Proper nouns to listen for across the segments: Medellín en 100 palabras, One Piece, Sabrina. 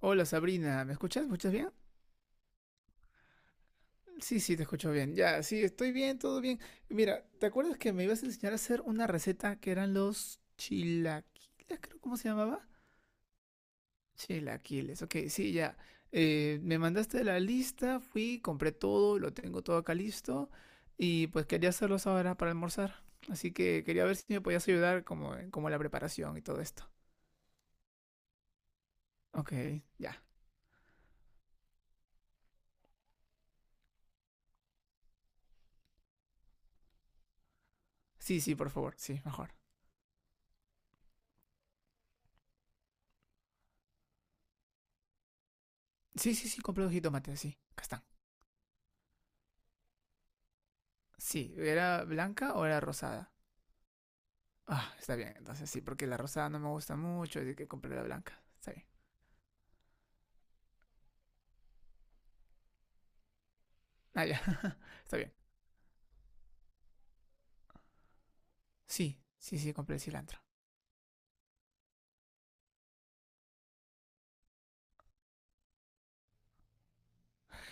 Hola Sabrina, ¿me escuchas? ¿Me escuchas bien? Sí, sí, te escucho bien. Ya, sí, estoy bien, todo bien. Mira, ¿te acuerdas que me ibas a enseñar a hacer una receta que eran los chilaquiles, creo? ¿Cómo se llamaba? Chilaquiles, ok, sí, ya. Me mandaste la lista, fui, compré todo, lo tengo todo acá listo y pues quería hacerlos ahora para almorzar. Así que quería ver si me podías ayudar como, como la preparación y todo esto. Ok, ya. Sí, sí, por favor, sí, mejor. Sí, sí, sí, compré 2 jitomates, sí. ¿Acá están? Sí, ¿era blanca o era rosada? Ah, está bien, entonces sí, porque la rosada no me gusta mucho, así que compré la blanca. Está bien. Ah, ya, está bien. Sí, sí, sí, compré el cilantro.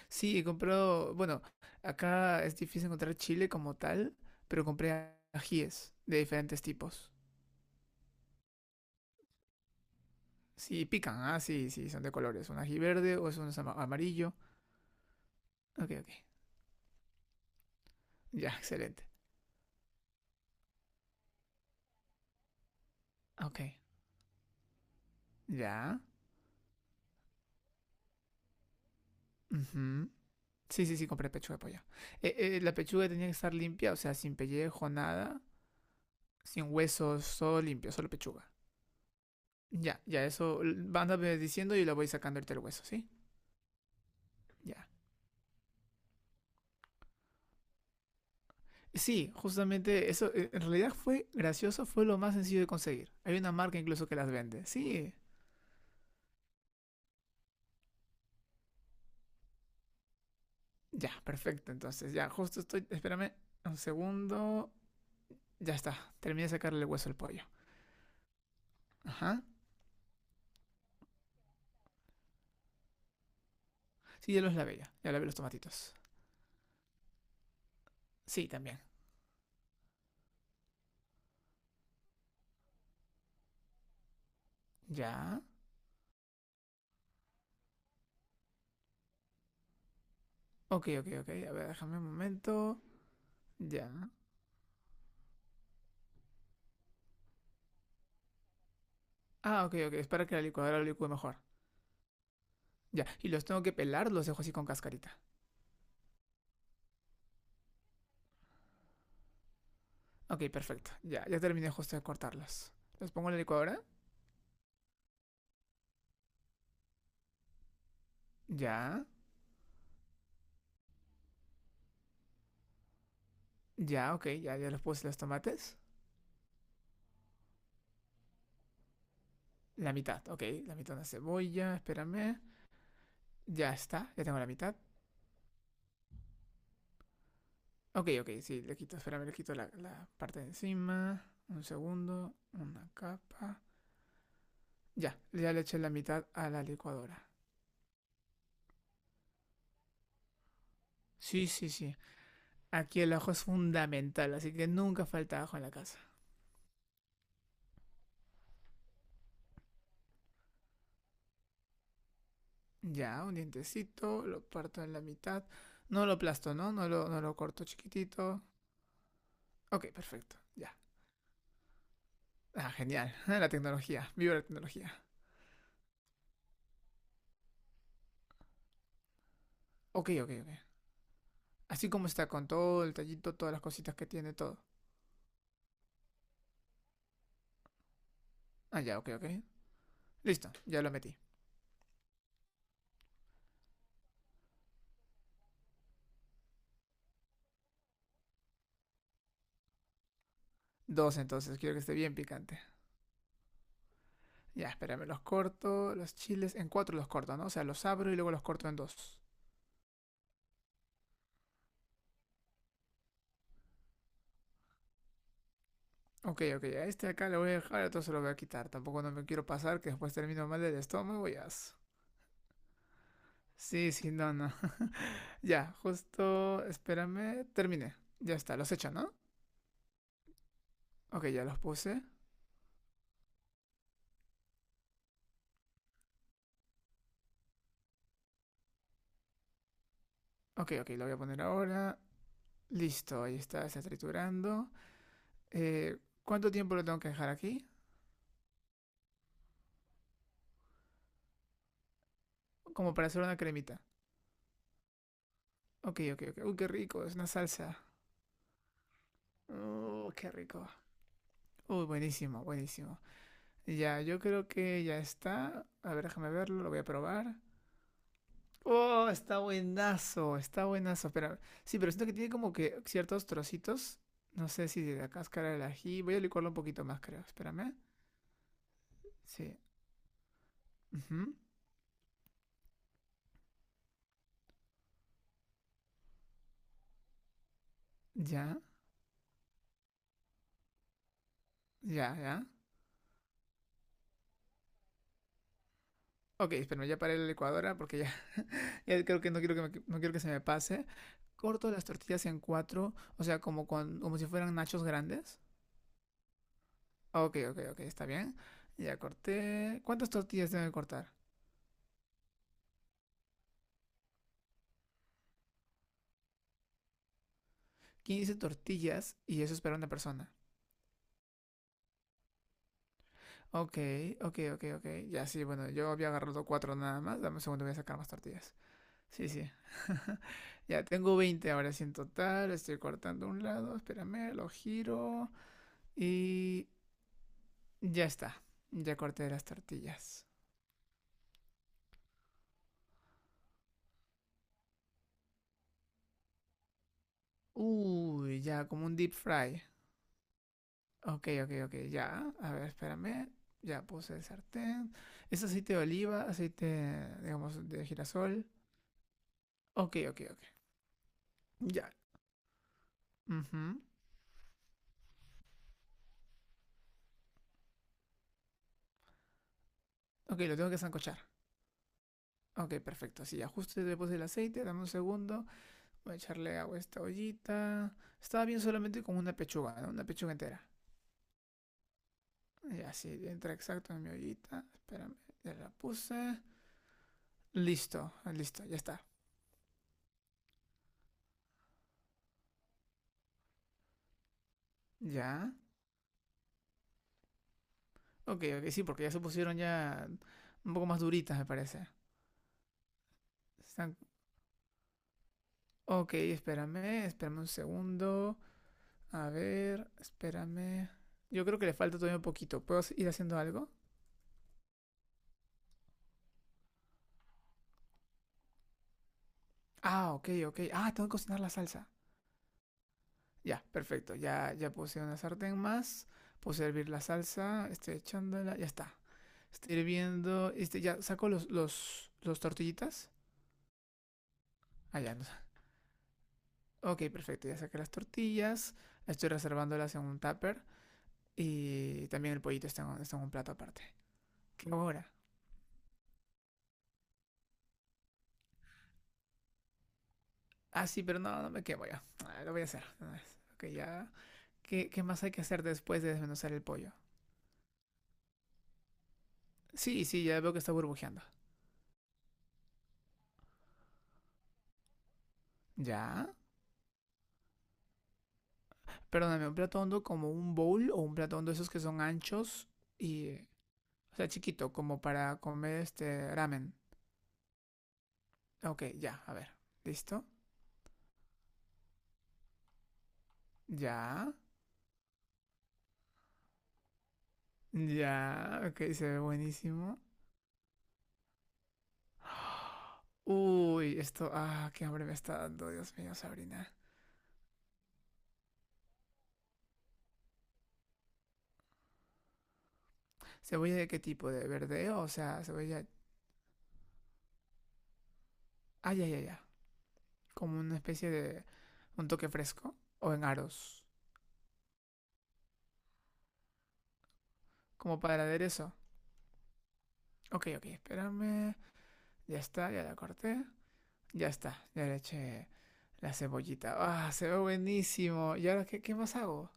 Sí, compré, bueno, acá es difícil encontrar chile como tal, pero compré ajíes de diferentes tipos. Sí, pican, ah, sí, sí, son de colores. Un ají verde o es un amarillo. Ok, ok. Ya, excelente. Ok, ya. Ujú. Sí, sí, sí, compré pechuga de pollo. La pechuga tenía que estar limpia, o sea, sin pellejo, nada. Sin huesos, todo limpio, solo pechuga. Ya, ya, eso, vándame diciendo y yo le voy sacando ahorita el hueso, ¿sí? Ya. Sí, justamente eso, en realidad fue gracioso, fue lo más sencillo de conseguir. Hay una marca incluso que las vende. Sí, ya, perfecto, entonces, ya, justo estoy, espérame un segundo. Ya está, terminé de sacarle el hueso al pollo. Ajá. Sí, ya los lavé ya, ya lavé los tomatitos. Sí, también. Ya. Ok, ok, ok, a ver, déjame un momento. Ya. Ah, ok, ok, es para que la licuadora lo licúe mejor. Ya, y los tengo que pelar, ¿los dejo así con cascarita? Ok, perfecto. Ya, ya terminé justo de cortarlos. Los pongo en la licuadora. Ya, ya, ok, ya, ya los puse los tomates. La mitad, ok, la mitad de la cebolla, espérame. Ya está, ya tengo la mitad. Ok, ok, sí, le quito, espérame, le quito la parte de encima. Un segundo, una capa. Ya, ya le eché la mitad a la licuadora. Sí, sí, sí. Aquí el ajo es fundamental, así que nunca falta ajo en la casa. Ya, un dientecito, lo parto en la mitad. No lo aplasto, ¿no? No lo corto chiquitito. Ok, perfecto, ya. Ah, genial. La tecnología, viva la tecnología. Ok, ok, ok. Así como está con todo el tallito, todas las cositas que tiene, todo. Ah, ya, ok, ok. Listo, ya lo metí. Dos entonces, quiero que esté bien picante. Ya, espérame, los corto, los chiles, en cuatro los corto, ¿no? O sea, los abro y luego los corto en dos. Ok, ok, a este acá lo voy a dejar, entonces lo voy a quitar. Tampoco no me quiero pasar que después termino mal del estómago ya. Sí, sí, no, no. Ya, justo, espérame, terminé. Ya está, los he hecho, ¿no? Ok, ya los puse. Ok, ok, lo voy a poner ahora. Listo, ahí está, está triturando. Eh, ¿Cuánto tiempo lo tengo que dejar aquí? Como para hacer una cremita. Ok, ok, ok. Uy, qué rico, es una salsa. Qué rico. Uy, buenísimo, buenísimo. Ya, yo creo que ya está. A ver, déjame verlo, lo voy a probar. Oh, está buenazo, está buenazo. Espera, sí, pero siento que tiene como que ciertos trocitos. No sé si de la cáscara del ají. Voy a licuarlo un poquito más, creo. Espérame. Sí. Ujú. Ya, ya, ya. Ok, espérame, ya paré la licuadora porque ya, ya creo que no quiero que, no quiero que se me pase. Corto las tortillas en cuatro, o sea, como si fueran nachos grandes. Ok, ok, ok, está bien. Ya corté. ¿Cuántas tortillas tengo que cortar? 15 tortillas y eso es para una persona. Ok, ok, ok, ok. Ya sí, bueno, yo había agarrado cuatro nada más. Dame un segundo, voy a sacar más tortillas. Sí, sí. Ya tengo 20 ahora sí en total. Estoy cortando un lado, espérame, lo giro. Y ya está. Ya corté las tortillas. Uy, ya, como un deep fry. Ok, ok, ok, ya. A ver, espérame. Ya puse el sartén. Es aceite de oliva, aceite, digamos, de girasol. Ok, ok, ok. Ya. Ujú. Ok, lo tengo que sancochar. Ok, perfecto. Así ya, justo después del aceite, dame un segundo. Voy a echarle agua a esta ollita. Estaba bien solamente con una pechuga, ¿no? Una pechuga entera. Y así entra exacto en mi ollita. Espérame, ya la puse. Listo, listo, ya está. Ya. Ok, ok, sí, porque ya se pusieron ya un poco más duritas, me parece. Están... Ok, espérame, espérame un segundo. A ver, espérame. Yo creo que le falta todavía un poquito. ¿Puedo ir haciendo algo? Ah, ok, ok. Ah, tengo que cocinar la salsa. Ya, perfecto. Ya, ya puse una sartén más. Puse a hervir la salsa. Este, echándola. Ya está. Estoy hirviendo. Este, ya saco los tortillitas. Ah, ya. no sa- Ok, perfecto. Ya saqué las tortillas. Estoy reservándolas en un tupper. Y también el pollito está en, está en un plato aparte. ¿Qué hago ahora? Ah, sí, pero no, no me quemo ya. Ah, lo voy a hacer de una vez. Ok, ya. ¿Qué, qué más hay que hacer después de desmenuzar el pollo? Sí, sí, ya veo que está burbujeando. Ya, perdóname, ¿un plato hondo como un bowl o un plato hondo esos que son anchos y, o sea, chiquito, como para comer este ramen? Ok, ya, a ver, ¿listo? Ya, ya, ok, se ve buenísimo. Uy, esto, ah, qué hambre me está dando, Dios mío, Sabrina. ¿Cebolla de qué tipo? ¿De verde? O sea, cebolla, ah, ya, ya, ya, como una especie de, un toque fresco o en aros, como para aderezo. Ok, ok, espérame, ya está, ya la corté, ya está, ya le eché la cebollita. Ah, se ve buenísimo. ¿Y ahora qué, qué más hago?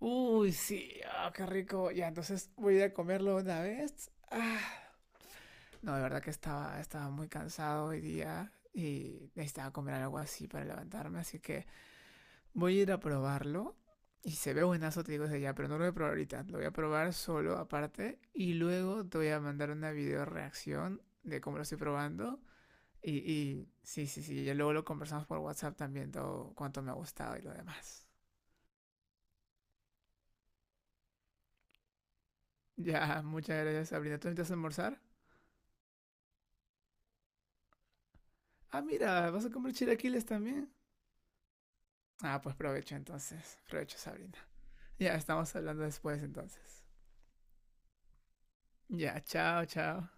Uy, sí. Ah, qué rico. Ya, entonces voy a ir a comerlo una vez. Ah. No, de verdad que estaba, estaba muy cansado hoy día y necesitaba comer algo así para levantarme. Así que voy a ir a probarlo. Y se ve buenazo, te digo desde ya, pero no lo voy a probar ahorita. Lo voy a probar solo aparte y luego te voy a mandar una video reacción de cómo lo estoy probando. Y sí, sí, sí, ya luego lo conversamos por WhatsApp también, todo cuánto me ha gustado y lo demás. Ya, muchas gracias, Sabrina. ¿Tú necesitas almorzar? Ah, mira, ¿vas a comer chilaquiles también? Ah, pues provecho entonces. Provecho, Sabrina. Ya, estamos hablando después entonces. Ya, chao, chao.